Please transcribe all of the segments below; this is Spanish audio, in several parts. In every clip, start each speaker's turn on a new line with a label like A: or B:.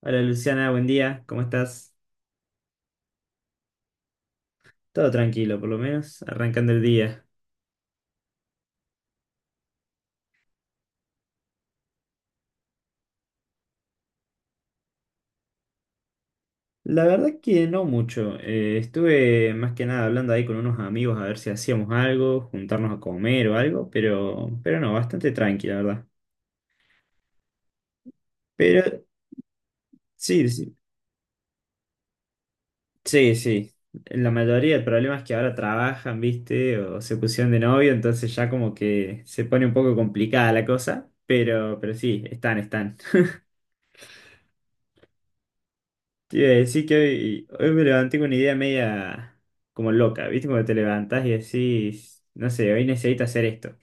A: Hola Luciana, buen día, ¿cómo estás? Todo tranquilo, por lo menos, arrancando el día. La verdad que no mucho. Estuve más que nada hablando ahí con unos amigos a ver si hacíamos algo, juntarnos a comer o algo, pero no, bastante tranqui, la verdad. Pero sí, sí, sí, sí. La mayoría del problema es que ahora trabajan, ¿viste? O se pusieron de novio, entonces ya como que se pone un poco complicada la cosa, pero sí, están, están. Te iba a decir que hoy me levanté con una idea media como loca, ¿viste? Cuando te levantás y decís, no sé, hoy necesito hacer esto.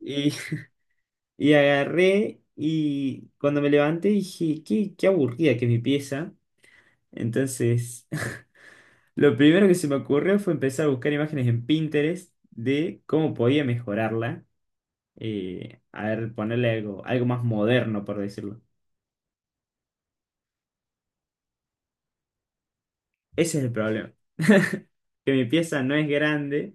A: Y y agarré y cuando me levanté dije, qué aburrida que es mi pieza. Entonces, lo primero que se me ocurrió fue empezar a buscar imágenes en Pinterest de cómo podía mejorarla. A ver, ponerle algo más moderno, por decirlo. Ese es el problema, que mi pieza no es grande.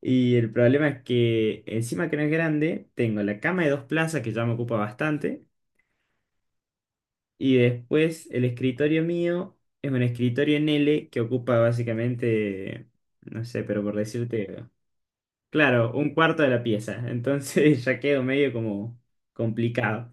A: Y el problema es que encima que no es grande, tengo la cama de dos plazas que ya me ocupa bastante. Y después el escritorio mío es un escritorio en L que ocupa básicamente, no sé, pero por decirte, claro, un cuarto de la pieza. Entonces ya quedo medio como complicado.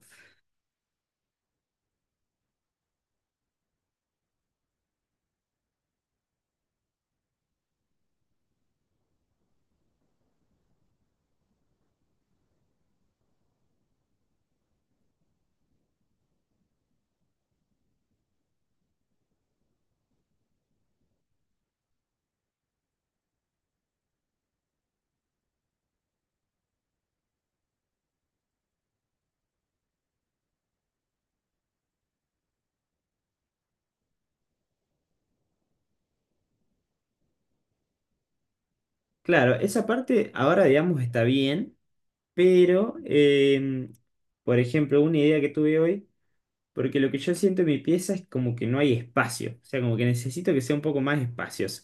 A: Claro, esa parte ahora digamos está bien, pero, em, por ejemplo, una idea que tuve hoy. Porque lo que yo siento en mi pieza es como que no hay espacio, o sea, como que necesito que sea un poco más espacioso.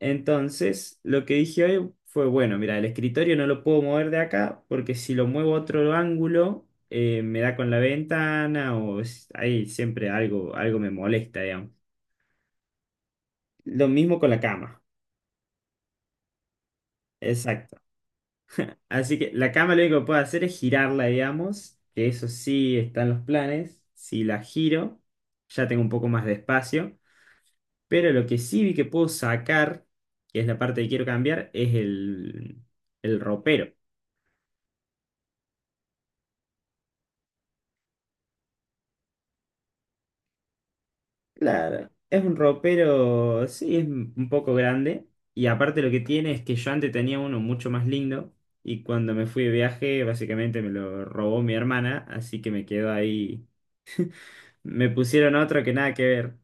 A: Entonces, lo que dije hoy fue, bueno, mira, el escritorio no lo puedo mover de acá porque si lo muevo a otro ángulo, me da con la ventana o ahí siempre algo, algo me molesta, digamos. Lo mismo con la cama, exacto. Así que la cama lo único que puedo hacer es girarla, digamos, que eso sí está en los planes. Si la giro, ya tengo un poco más de espacio. Pero lo que sí vi que puedo sacar, que es la parte que quiero cambiar, es el ropero. Claro, es un ropero, sí, es un poco grande. Y aparte lo que tiene es que yo antes tenía uno mucho más lindo. Y cuando me fui de viaje, básicamente me lo robó mi hermana. Así que me quedó ahí. Me pusieron otro que nada que ver.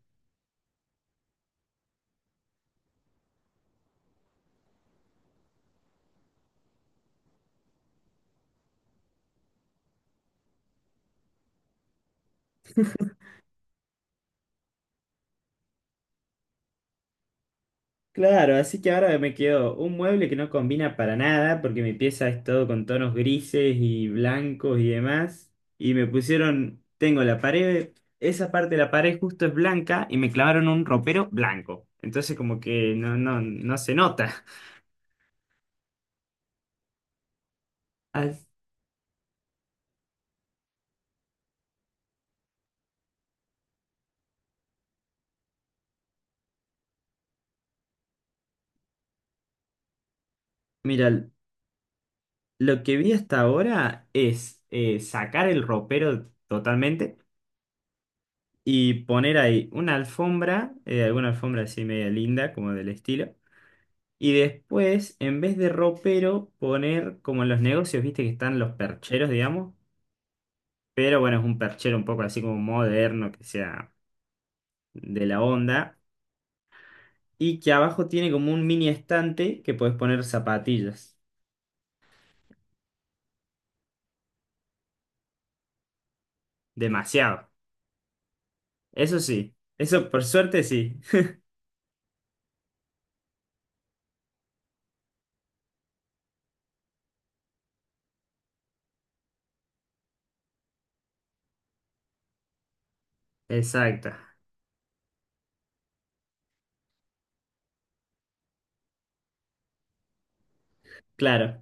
A: Claro, así que ahora me quedó un mueble que no combina para nada, porque mi pieza es todo con tonos grises y blancos y demás. Y me pusieron, tengo la pared, esa parte de la pared justo es blanca y me clavaron un ropero blanco. Entonces como que no, no, no se nota. As- Mira, lo que vi hasta ahora es sacar el ropero totalmente y poner ahí una alfombra, alguna alfombra así media linda, como del estilo. Y después, en vez de ropero, poner como en los negocios, viste que están los percheros, digamos. Pero bueno, es un perchero un poco así como moderno, que sea de la onda. Y que abajo tiene como un mini estante que puedes poner zapatillas. Demasiado. Eso sí. Eso por suerte sí. Exacto. Claro.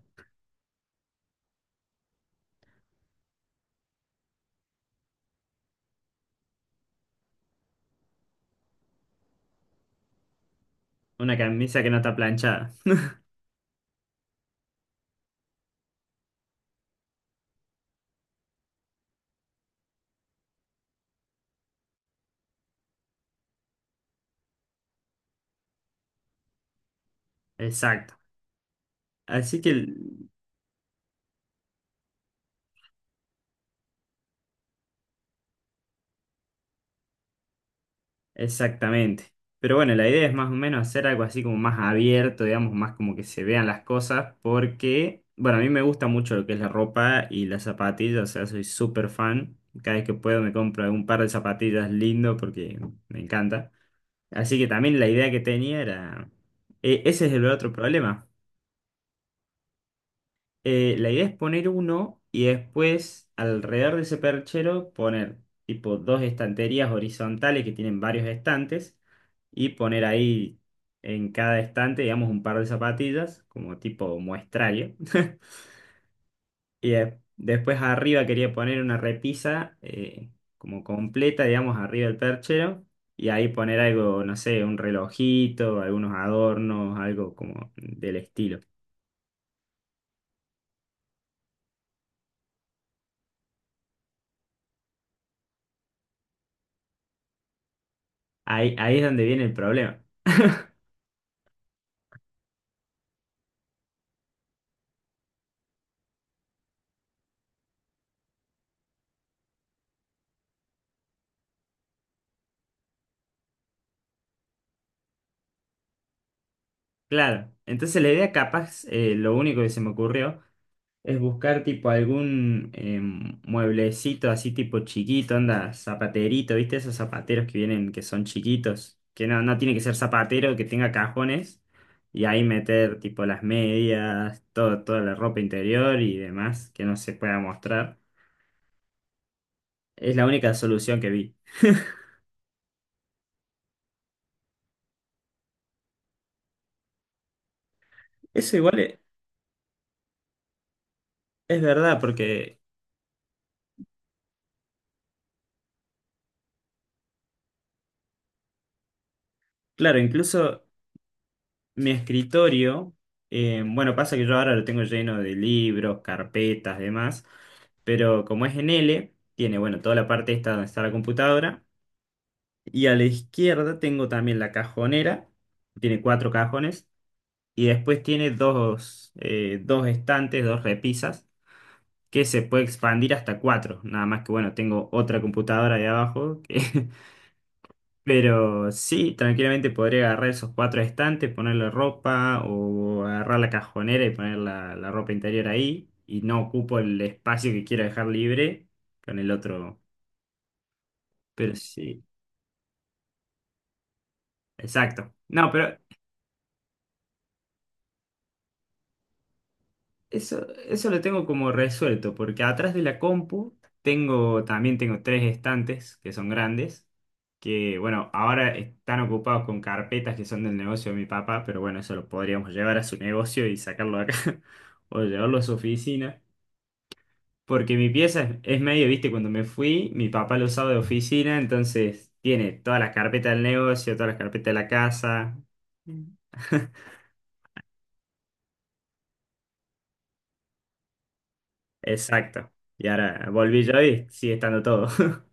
A: Una camisa que no está planchada. Exacto. Así que exactamente. Pero bueno, la idea es más o menos hacer algo así como más abierto, digamos, más como que se vean las cosas, porque, bueno, a mí me gusta mucho lo que es la ropa y las zapatillas, o sea, soy súper fan. Cada vez que puedo me compro un par de zapatillas lindo porque me encanta. Así que también la idea que tenía era... Ese es el otro problema. La idea es poner uno y después alrededor de ese perchero poner tipo dos estanterías horizontales que tienen varios estantes y poner ahí en cada estante, digamos, un par de zapatillas como tipo muestrario. Y después arriba quería poner una repisa como completa, digamos, arriba del perchero. Y ahí poner algo, no sé, un relojito, algunos adornos, algo como del estilo. Ahí es donde viene el problema. Claro, entonces la idea capaz, lo único que se me ocurrió es buscar tipo algún mueblecito así tipo chiquito, anda, zapaterito, ¿viste? Esos zapateros que vienen, que son chiquitos, que no tiene que ser zapatero, que tenga cajones, y ahí meter tipo las medias, todo, toda la ropa interior y demás que no se pueda mostrar. Es la única solución que vi. Eso igual es verdad, porque, claro, incluso... Mi escritorio, bueno, pasa que yo ahora lo tengo lleno de libros, carpetas, demás, pero como es en L, tiene, bueno, toda la parte esta donde está la computadora, y a la izquierda tengo también la cajonera, tiene cuatro cajones, y después tiene dos estantes, dos repisas, que se puede expandir hasta cuatro, nada más que, bueno, tengo otra computadora de abajo. Pero sí, tranquilamente podría agarrar esos cuatro estantes, ponerle ropa o agarrar la cajonera y poner la ropa interior ahí y no ocupo el espacio que quiero dejar libre con el otro. Pero sí, exacto. No, pero eso lo tengo como resuelto, porque atrás de la compu tengo, también tengo tres estantes que son grandes, que bueno, ahora están ocupados con carpetas que son del negocio de mi papá, pero bueno, eso lo podríamos llevar a su negocio y sacarlo de acá, o llevarlo a su oficina, porque mi pieza es medio, viste, cuando me fui, mi papá lo usaba de oficina, entonces tiene todas las carpetas del negocio, todas las carpetas de la casa. Mm. Exacto. Y ahora volví yo y sigue estando todo.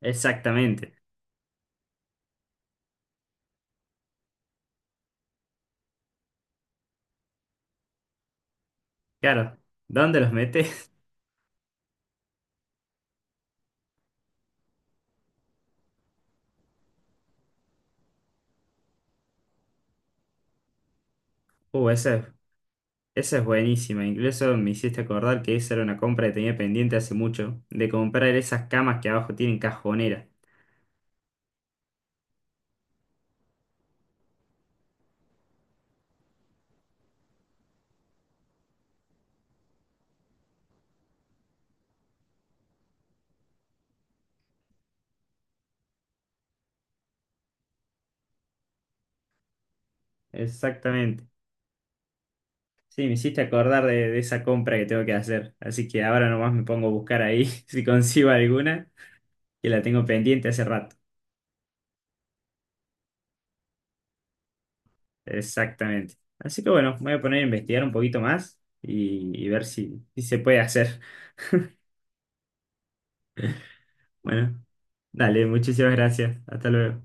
A: Exactamente. Claro, ¿dónde los metes? Uh, esa es, esa es buenísima. Incluso me hiciste acordar que esa era una compra que tenía pendiente hace mucho, de comprar esas camas que abajo tienen cajonera. Exactamente. Sí, me hiciste acordar de esa compra que tengo que hacer. Así que ahora nomás me pongo a buscar ahí si consigo alguna, que la tengo pendiente hace rato. Exactamente. Así que bueno, me voy a poner a investigar un poquito más y ver si se puede hacer. Bueno, dale, muchísimas gracias. Hasta luego.